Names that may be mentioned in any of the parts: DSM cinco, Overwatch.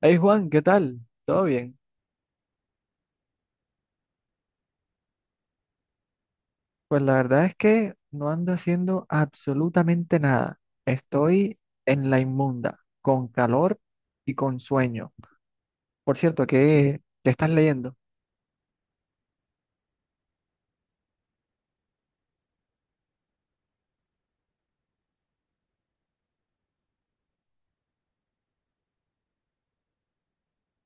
Hey Juan, ¿qué tal? ¿Todo bien? Pues la verdad es que no ando haciendo absolutamente nada. Estoy en la inmunda, con calor y con sueño. Por cierto, ¿qué estás leyendo?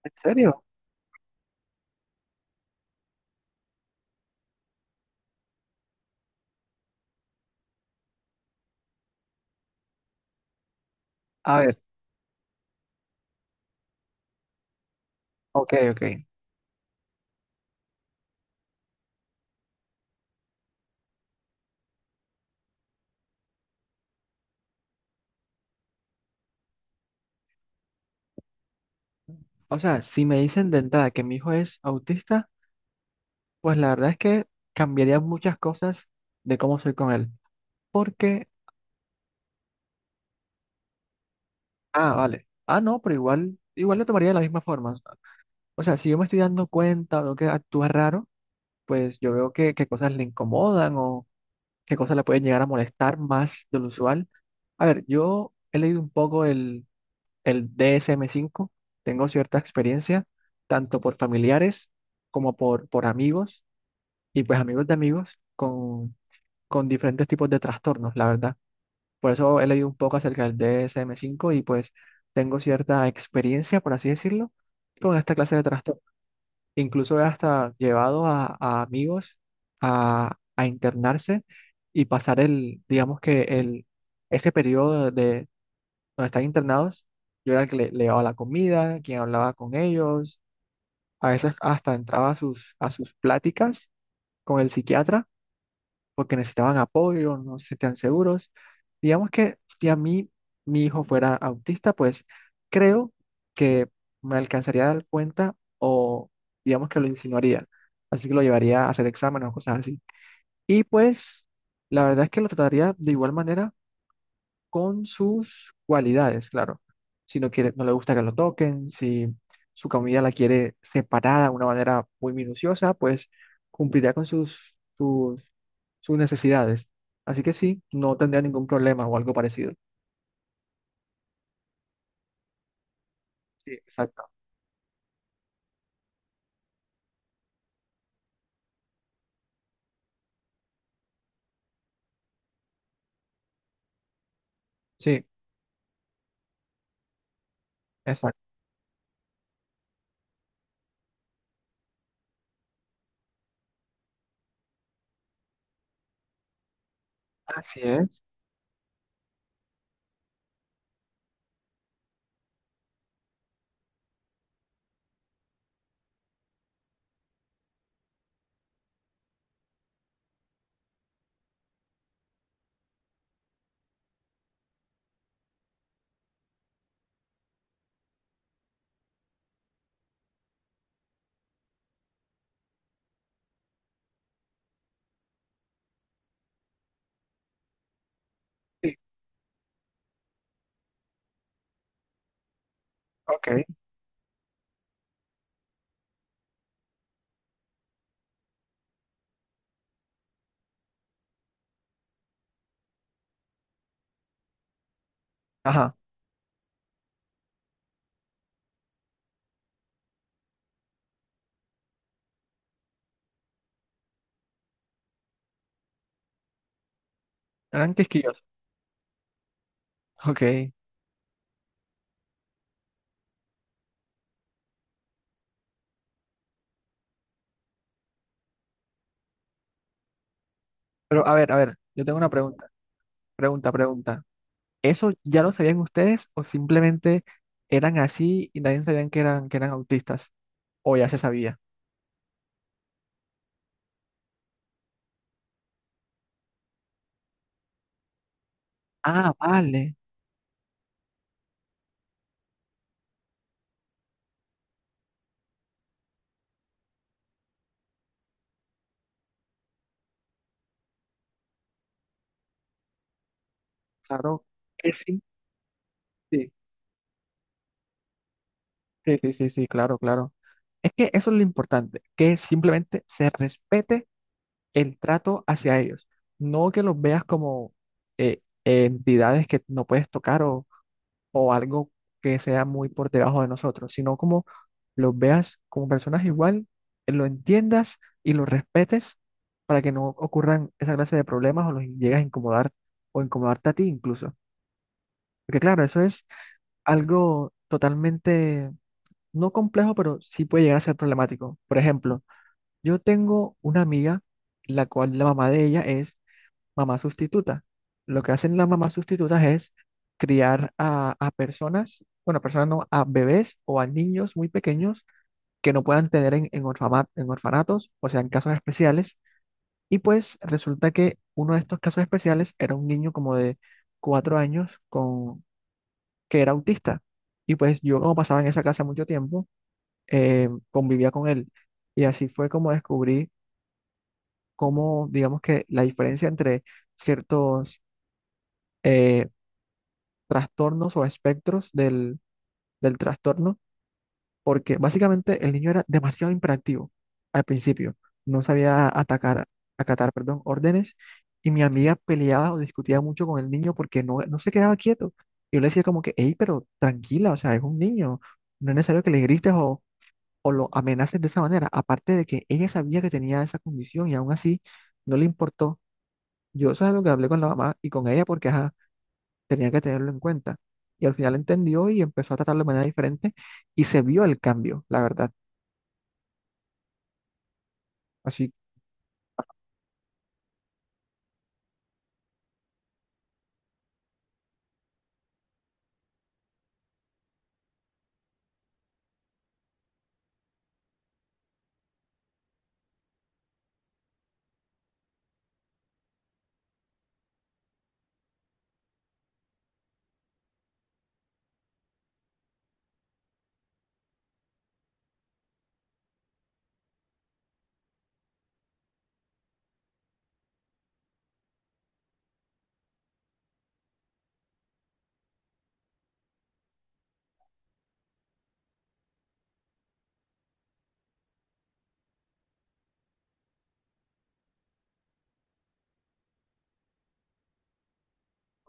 ¿En serio? A ver, ok, ok. O sea, si me dicen de entrada que mi hijo es autista, pues la verdad es que cambiaría muchas cosas de cómo soy con él. Porque, ah, vale. Ah, no, pero igual, igual lo tomaría de la misma forma. O sea, si yo me estoy dando cuenta o veo que actúa raro, pues yo veo qué cosas le incomodan o qué cosas le pueden llegar a molestar más de lo usual. A ver, yo he leído un poco el DSM-5, tengo cierta experiencia, tanto por familiares como por amigos y pues amigos de amigos con diferentes tipos de trastornos, la verdad. Por eso he leído un poco acerca del DSM-5 y pues tengo cierta experiencia, por así decirlo, con esta clase de trastornos, incluso hasta llevados a amigos a internarse y pasar digamos que ese periodo de donde están internados. Yo era el que le llevaba la comida, quien hablaba con ellos, a veces hasta entraba a sus pláticas con el psiquiatra porque necesitaban apoyo, no se sentían seguros. Digamos que si a mí mi hijo fuera autista, pues creo que me alcanzaría a dar cuenta o digamos que lo insinuaría. Así que lo llevaría a hacer exámenes o cosas así. Y pues la verdad es que lo trataría de igual manera, con sus cualidades, claro. Si no quiere, no le gusta que lo toquen; si su comida la quiere separada de una manera muy minuciosa, pues cumplirá con sus necesidades. Así que sí, no tendría ningún problema o algo parecido. Sí, exacto. Sí, exacto. Así es. Sí, ok. Ajá, eran quisquillos. Ok. Pero a ver, yo tengo una pregunta, pregunta, pregunta. ¿Eso ya lo sabían ustedes o simplemente eran así y nadie sabían que eran autistas? O ya se sabía. Ah, vale. Claro. Que sí. Sí, sí, sí, sí, sí, claro, claro. Es que eso es lo importante, que simplemente se respete el trato hacia ellos. No que los veas como entidades que no puedes tocar o algo que sea muy por debajo de nosotros, sino como los veas como personas igual, lo entiendas y los respetes para que no ocurran esa clase de problemas o los llegues a incomodar o incomodarte a ti incluso. Porque claro, eso es algo totalmente, no complejo, pero sí puede llegar a ser problemático. Por ejemplo, yo tengo una amiga, la cual la mamá de ella es mamá sustituta. Lo que hacen las mamás sustitutas es criar a personas, bueno, personas no, a bebés o a niños muy pequeños que no puedan tener en, en orfanatos, o sea, en casos especiales. Y pues resulta que uno de estos casos especiales era un niño como de 4 años que era autista. Y pues yo como pasaba en esa casa mucho tiempo, convivía con él. Y así fue como descubrí cómo, digamos que la diferencia entre ciertos eh, trastornos o espectros del trastorno, porque básicamente el niño era demasiado imperativo al principio. No sabía atacar, acatar, perdón, órdenes. Y mi amiga peleaba o discutía mucho con el niño porque no, no se quedaba quieto. Y yo le decía como que, hey, pero tranquila, o sea, es un niño, no es necesario que le grites o lo amenacen de esa manera. Aparte de que ella sabía que tenía esa condición y aún así no le importó. Yo eso es lo que hablé con la mamá y con ella porque ajá, tenía que tenerlo en cuenta. Y al final entendió y empezó a tratarlo de manera diferente y se vio el cambio, la verdad. Así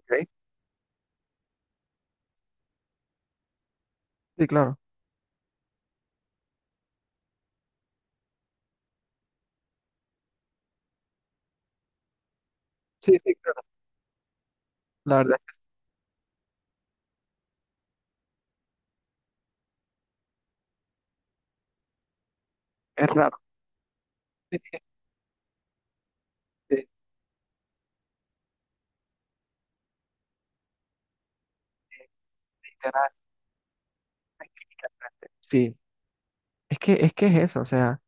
que, sí, claro. Sí, sí, claro. La verdad es raro. Este, literal. Sí, es que es eso, o sea,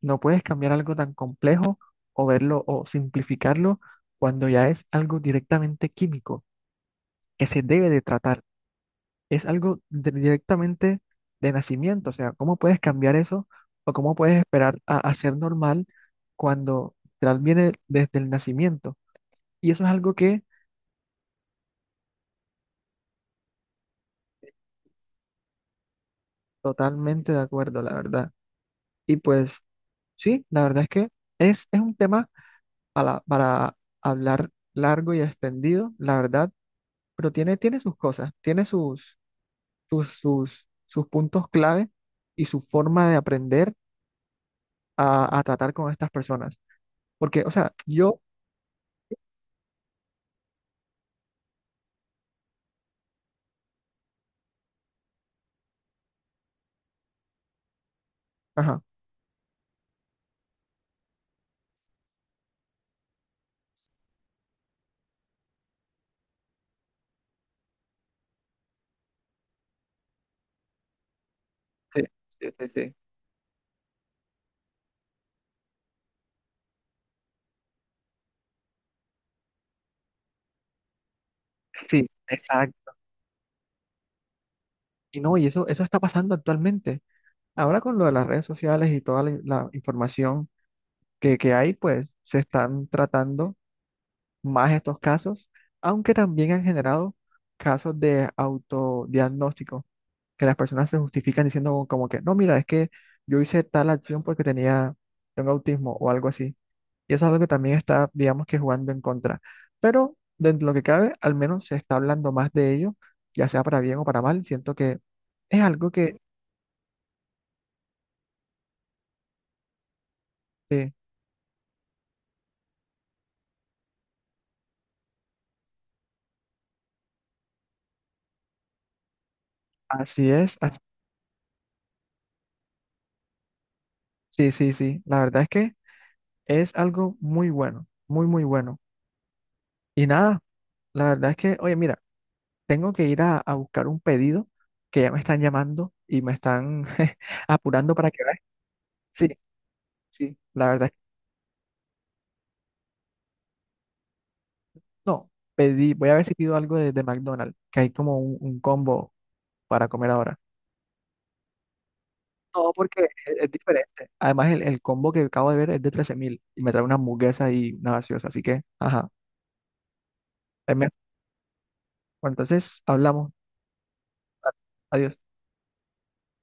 no puedes cambiar algo tan complejo o verlo o simplificarlo cuando ya es algo directamente químico que se debe de tratar. Es algo de- directamente de nacimiento. O sea, ¿cómo puedes cambiar eso? ¿O cómo puedes esperar a ser normal cuando literal viene desde el nacimiento? Y eso es algo que totalmente de acuerdo, la verdad. Y pues sí, la verdad es que es un tema para hablar largo y extendido, la verdad, pero tiene, tiene sus cosas, tiene sus puntos clave y su forma de aprender a tratar con estas personas. Porque, o sea, yo, ajá. Sí, sí, sí, sí. Sí, exacto. Y no, y eso está pasando actualmente. Ahora con lo de las redes sociales y toda la información que hay, pues se están tratando más estos casos, aunque también han generado casos de autodiagnóstico, que las personas se justifican diciendo como que, no, mira, es que yo hice tal acción porque tenía, tengo autismo o algo así. Y eso es algo que también está, digamos que jugando en contra. Pero dentro de lo que cabe, al menos se está hablando más de ello, ya sea para bien o para mal. Siento que es algo que, eh, así es, sí, sí, sí. La verdad es que es algo muy bueno, muy, muy bueno. Y nada, la verdad es que, oye, mira, tengo que ir a buscar un pedido que ya me están llamando y me están apurando para que veas. Sí, sí, la verdad es que no. Pedí, voy a ver si pido algo de McDonald's, que hay como un combo para comer ahora. No, porque es diferente. Además, el combo que acabo de ver es de 13.000 y me trae una hamburguesa y una gaseosa, así que, ajá, es mejor. Bueno, entonces, hablamos. Adiós.